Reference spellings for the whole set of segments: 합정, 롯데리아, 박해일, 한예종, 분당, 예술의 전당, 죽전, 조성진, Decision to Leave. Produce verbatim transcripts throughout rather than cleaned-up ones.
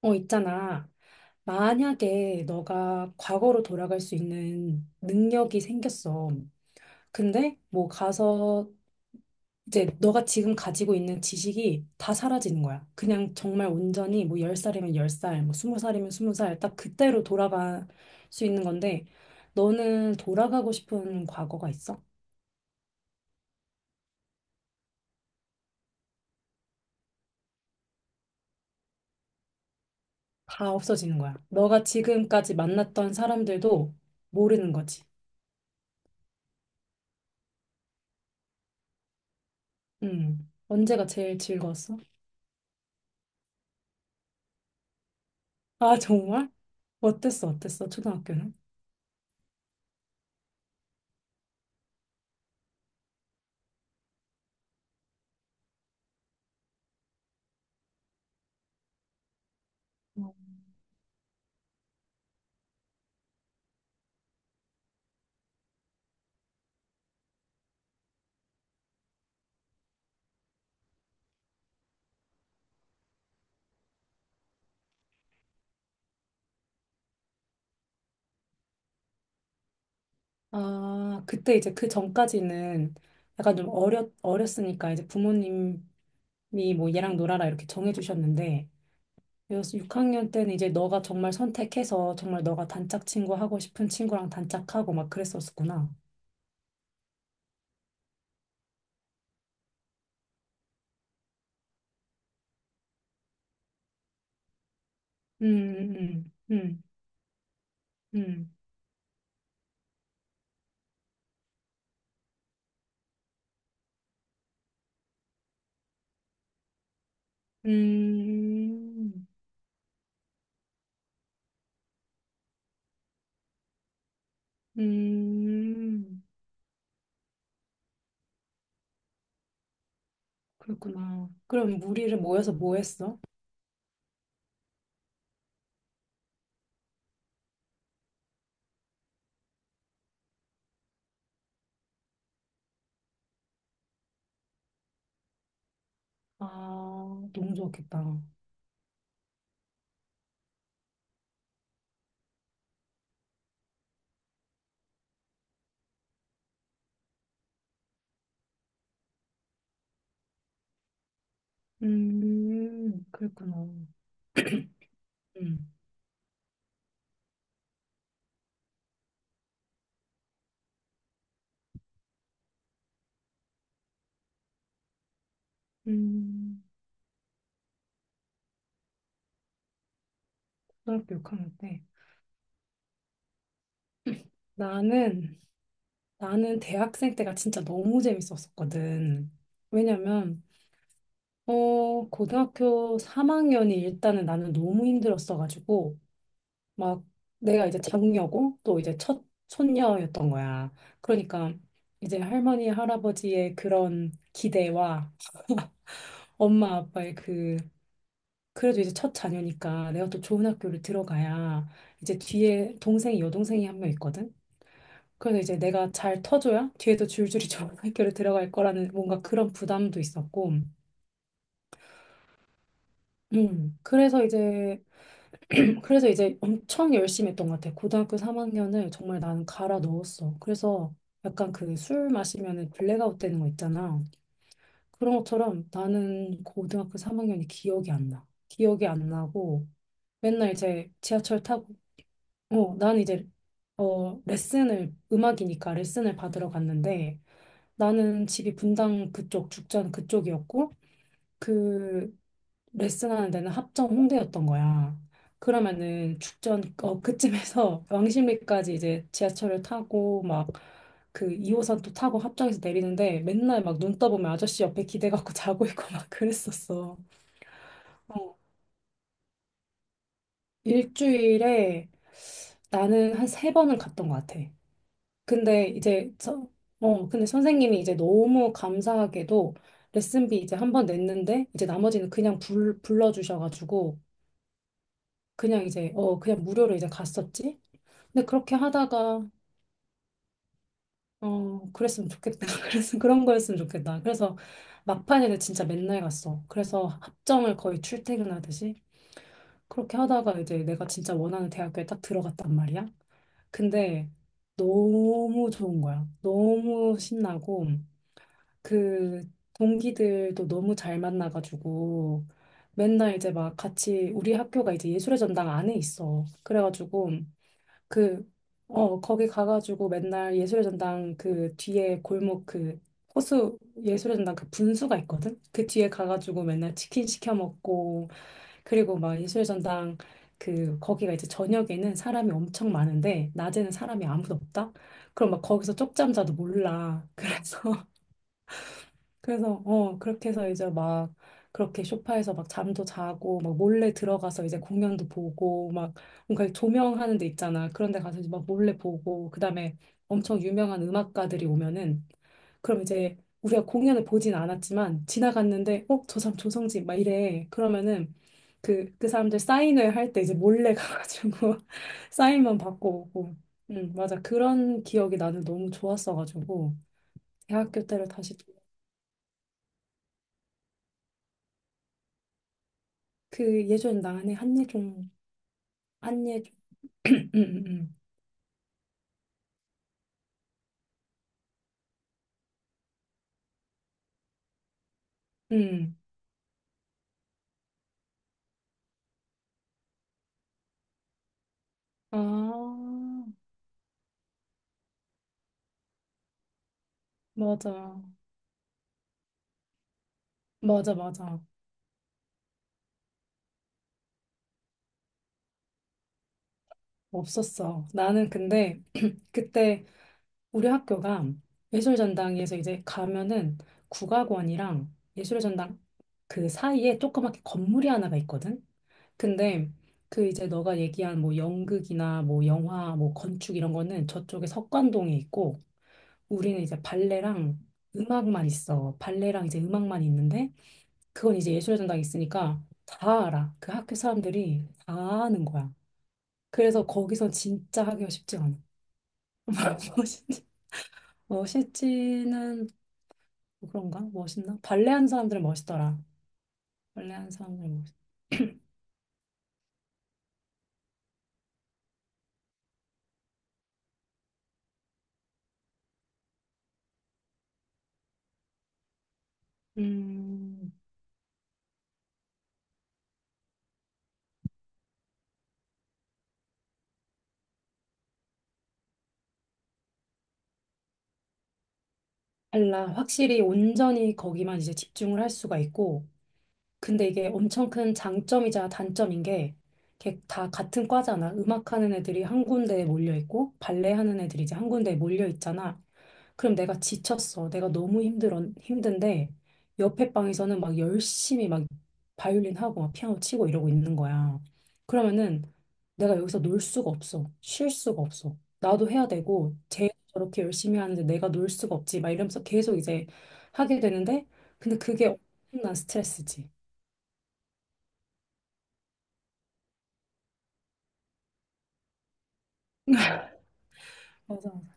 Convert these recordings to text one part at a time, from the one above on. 어, 있잖아. 만약에 너가 과거로 돌아갈 수 있는 능력이 생겼어. 근데 뭐 가서 이제 너가 지금 가지고 있는 지식이 다 사라지는 거야. 그냥 정말 온전히 뭐 열 살이면 열 살, 뭐 스무 살이면 스무 살, 딱 그때로 돌아갈 수 있는 건데, 너는 돌아가고 싶은 과거가 있어? 다 없어지는 거야. 너가 지금까지 만났던 사람들도 모르는 거지. 음. 언제가 제일 즐거웠어? 아, 정말? 어땠어, 어땠어, 초등학교는? 아, 그때 이제 그 전까지는 약간 좀 어렸, 어렸으니까 이제 부모님이 뭐 얘랑 놀아라 이렇게 정해주셨는데, 육 학년 때는 이제 너가 정말 선택해서 정말 너가 단짝 친구 하고 싶은 친구랑 단짝하고 막 그랬었구나. 음, 음, 음, 음, 음, 음, 그렇구나. 그럼 무리를 모여서 뭐 했어? 아, 너무 좋았겠다. 음, 그랬구나. 음. 음, 초등학교 육 학년 때. 나는, 나는 대학생 때가 진짜 너무 재밌었었거든. 왜냐면, 어, 고등학교 삼 학년이 일단은 나는 너무 힘들었어가지고, 막 내가 이제 장녀고, 또 이제 첫 손녀였던 거야. 그러니까 이제 할머니, 할아버지의 그런 기대와 엄마, 아빠의 그 그래도 이제 첫 자녀니까 내가 또 좋은 학교를 들어가야 이제 뒤에 동생이 여동생이 한 명 있거든. 그래서 이제 내가 잘 터줘야 뒤에도 줄줄이 좋은 학교를 들어갈 거라는 뭔가 그런 부담도 있었고. 음, 그래서 이제, 그래서 이제 엄청 열심히 했던 것 같아. 고등학교 삼 학년을 정말 나는 갈아 넣었어. 그래서 약간 그 술 마시면은 블랙아웃 되는 거 있잖아. 그런 것처럼 나는 고등학교 삼 학년이 기억이 안 나. 기억이 안 나고 맨날 이제 지하철 타고 어, 나는 이제 어, 레슨을, 음악이니까 레슨을 받으러 갔는데 나는 집이 분당 그쪽, 죽전 그쪽이었고 그 레슨하는 데는 합정 홍대였던 거야. 그러면은 죽전, 어, 그쯤에서 왕십리까지 이제 지하철을 타고 막 그 이 호선 또 타고 합정에서 내리는데 맨날 막 눈 떠보면 아저씨 옆에 기대갖고 자고 있고 막 그랬었어. 어, 일주일에 나는 한 세 번은 갔던 것 같아. 근데 이제 저, 어, 근데 선생님이 이제 너무 감사하게도 레슨비 이제 한번 냈는데 이제 나머지는 그냥 불, 불러주셔가지고 그냥 이제 어 그냥 무료로 이제 갔었지. 근데 그렇게 하다가 어 그랬으면 좋겠다. 그래서 그런 거였으면 좋겠다. 그래서 막판에는 진짜 맨날 갔어. 그래서 합정을 거의 출퇴근하듯이 그렇게 하다가 이제 내가 진짜 원하는 대학교에 딱 들어갔단 말이야. 근데 너무 좋은 거야. 너무 신나고. 그 동기들도 너무 잘 만나가지고 맨날 이제 막 같이 우리 학교가 이제 예술의 전당 안에 있어. 그래가지고 그, 어, 거기 가가지고 맨날 예술의 전당 그 뒤에 골목 그 호수 예술의 전당 그 분수가 있거든? 그 뒤에 가가지고 맨날 치킨 시켜 먹고 그리고 막 예술의 전당 그 거기가 이제 저녁에는 사람이 엄청 많은데 낮에는 사람이 아무도 없다? 그럼 막 거기서 쪽잠자도 몰라. 그래서 그래서 어 그렇게 해서 이제 막 그렇게 소파에서 막 잠도 자고 막 몰래 들어가서 이제 공연도 보고 막 뭔가 조명하는 데 있잖아 그런 데 가서 이제 막 몰래 보고 그다음에 엄청 유명한 음악가들이 오면은 그럼 이제 우리가 공연을 보진 않았지만 지나갔는데 어 저 사람 조성진 막 이래 그러면은 그 그 사람들 사인회 할 때 이제 몰래 가가지고 사인만 받고 오고 음 맞아, 그런 기억이 나는 너무 좋았어가지고 대학교 때를 다시 그 예전에 나한 한예종 한예종 음, 음, 음. 아, 맞아, 맞아, 맞아. 없었어 나는 근데 그때 우리 학교가 예술전당에서 이제 가면은 국악원이랑 예술 전당 그 사이에 조그맣게 건물이 하나가 있거든. 근데 그 이제 너가 얘기한 뭐 연극이나 뭐 영화 뭐 건축 이런 거는 저쪽에 석관동에 있고 우리는 이제 발레랑 음악만 있어. 발레랑 이제 음악만 있는데 그건 이제 예술의 전당이 있으니까 다 알아. 그 학교 사람들이 다 아는 거야. 그래서 거기서 진짜 하기가 쉽지 않아. 멋있지? 멋있지는 뭐 그런가? 멋있나? 발레 하는 사람들은 멋있더라. 발레 하는 사람들은 멋있. 음, 달라. 확실히 온전히 거기만 이제 집중을 할 수가 있고 근데 이게 엄청 큰 장점이자 단점인 게, 이렇게 다 같은 과잖아. 음악하는 애들이 한 군데에 몰려 있고, 발레 하는 애들이 이제 한 군데에 몰려 있잖아. 그럼 내가 지쳤어. 내가 너무 힘들어, 힘든데, 옆에 방에서는 막 열심히 막 바이올린 하고, 막 피아노 치고 이러고 있는 거야. 그러면은 내가 여기서 놀 수가 없어. 쉴 수가 없어. 나도 해야 되고, 쟤 저렇게 열심히 하는데 내가 놀 수가 없지. 막 이러면서 계속 이제 하게 되는데, 근데 그게 엄청난 스트레스지. 맞아, 맞아.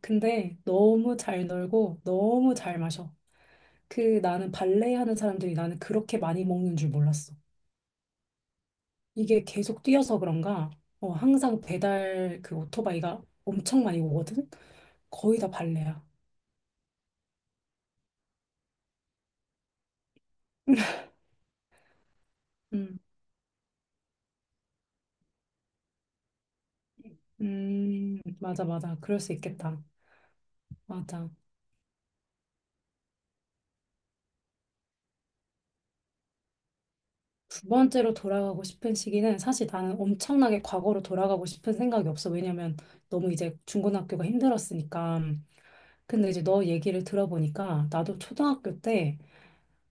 근데 너무 잘 놀고 너무 잘 마셔. 그 나는 발레 하는 사람들이 나는 그렇게 많이 먹는 줄 몰랐어. 이게 계속 뛰어서 그런가? 어, 항상 배달 그 오토바이가 엄청 많이 오거든? 거의 다 발레야. 음, 음, 맞아, 맞아. 그럴 수 있겠다. 맞아. 두 번째로 돌아가고 싶은 시기는 사실 나는 엄청나게 과거로 돌아가고 싶은 생각이 없어. 왜냐면 너무 이제 중고등학교가 힘들었으니까. 근데 이제 너 얘기를 들어보니까 나도 초등학교 때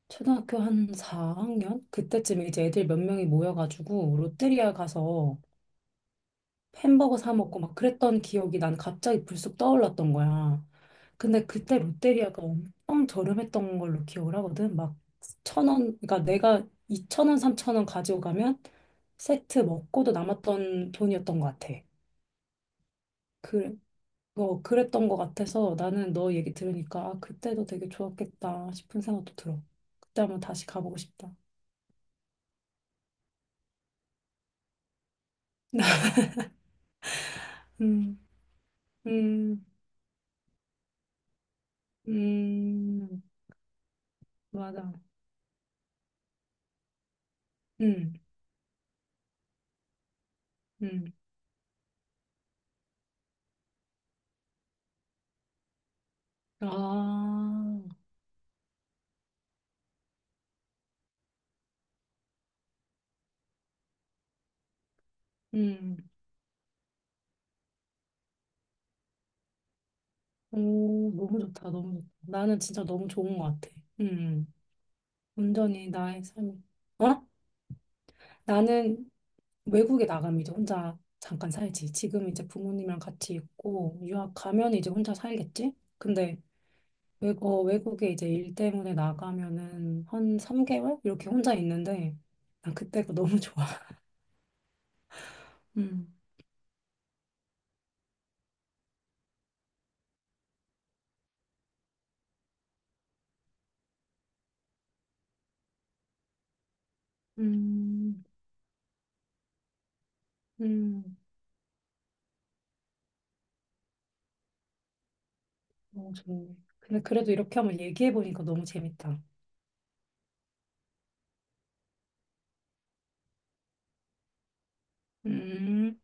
초등학교 한 사 학년 그때쯤에 이제 애들 몇 명이 모여가지고 롯데리아 가서 햄버거 사 먹고 막 그랬던 기억이 난 갑자기 불쑥 떠올랐던 거야. 근데 그때 롯데리아가 엄청 저렴했던 걸로 기억을 하거든. 막 천 원, 그러니까 내가 이천 원, 삼천 원 가지고 가면 세트 먹고도 남았던 돈이었던 것 같아. 그, 어, 그랬던 것 같아서 나는 너 얘기 들으니까 아, 그때도 되게 좋았겠다 싶은 생각도 들어. 그때 한번 다시 가보고 싶다. 음, 음, 음, 맞아. 음, 음. 아, 음. 오, 너무 좋다, 너무 좋다. 나는 진짜 너무 좋은 것 같아. 음, 온전히 나의 삶이. 어? 나는 외국에 나가면 이제 혼자 잠깐 살지. 지금 이제 부모님이랑 같이 있고, 유학 가면 이제 혼자 살겠지? 근데 외국, 어, 외국에 이제 일 때문에 나가면은 한 삼 개월? 이렇게 혼자 있는데, 난 그때가 너무 좋아. 음, 음, 음, 너무 좋네. 근데 그래도 이렇게 한번 얘기해보니까 너무 재밌다. 음.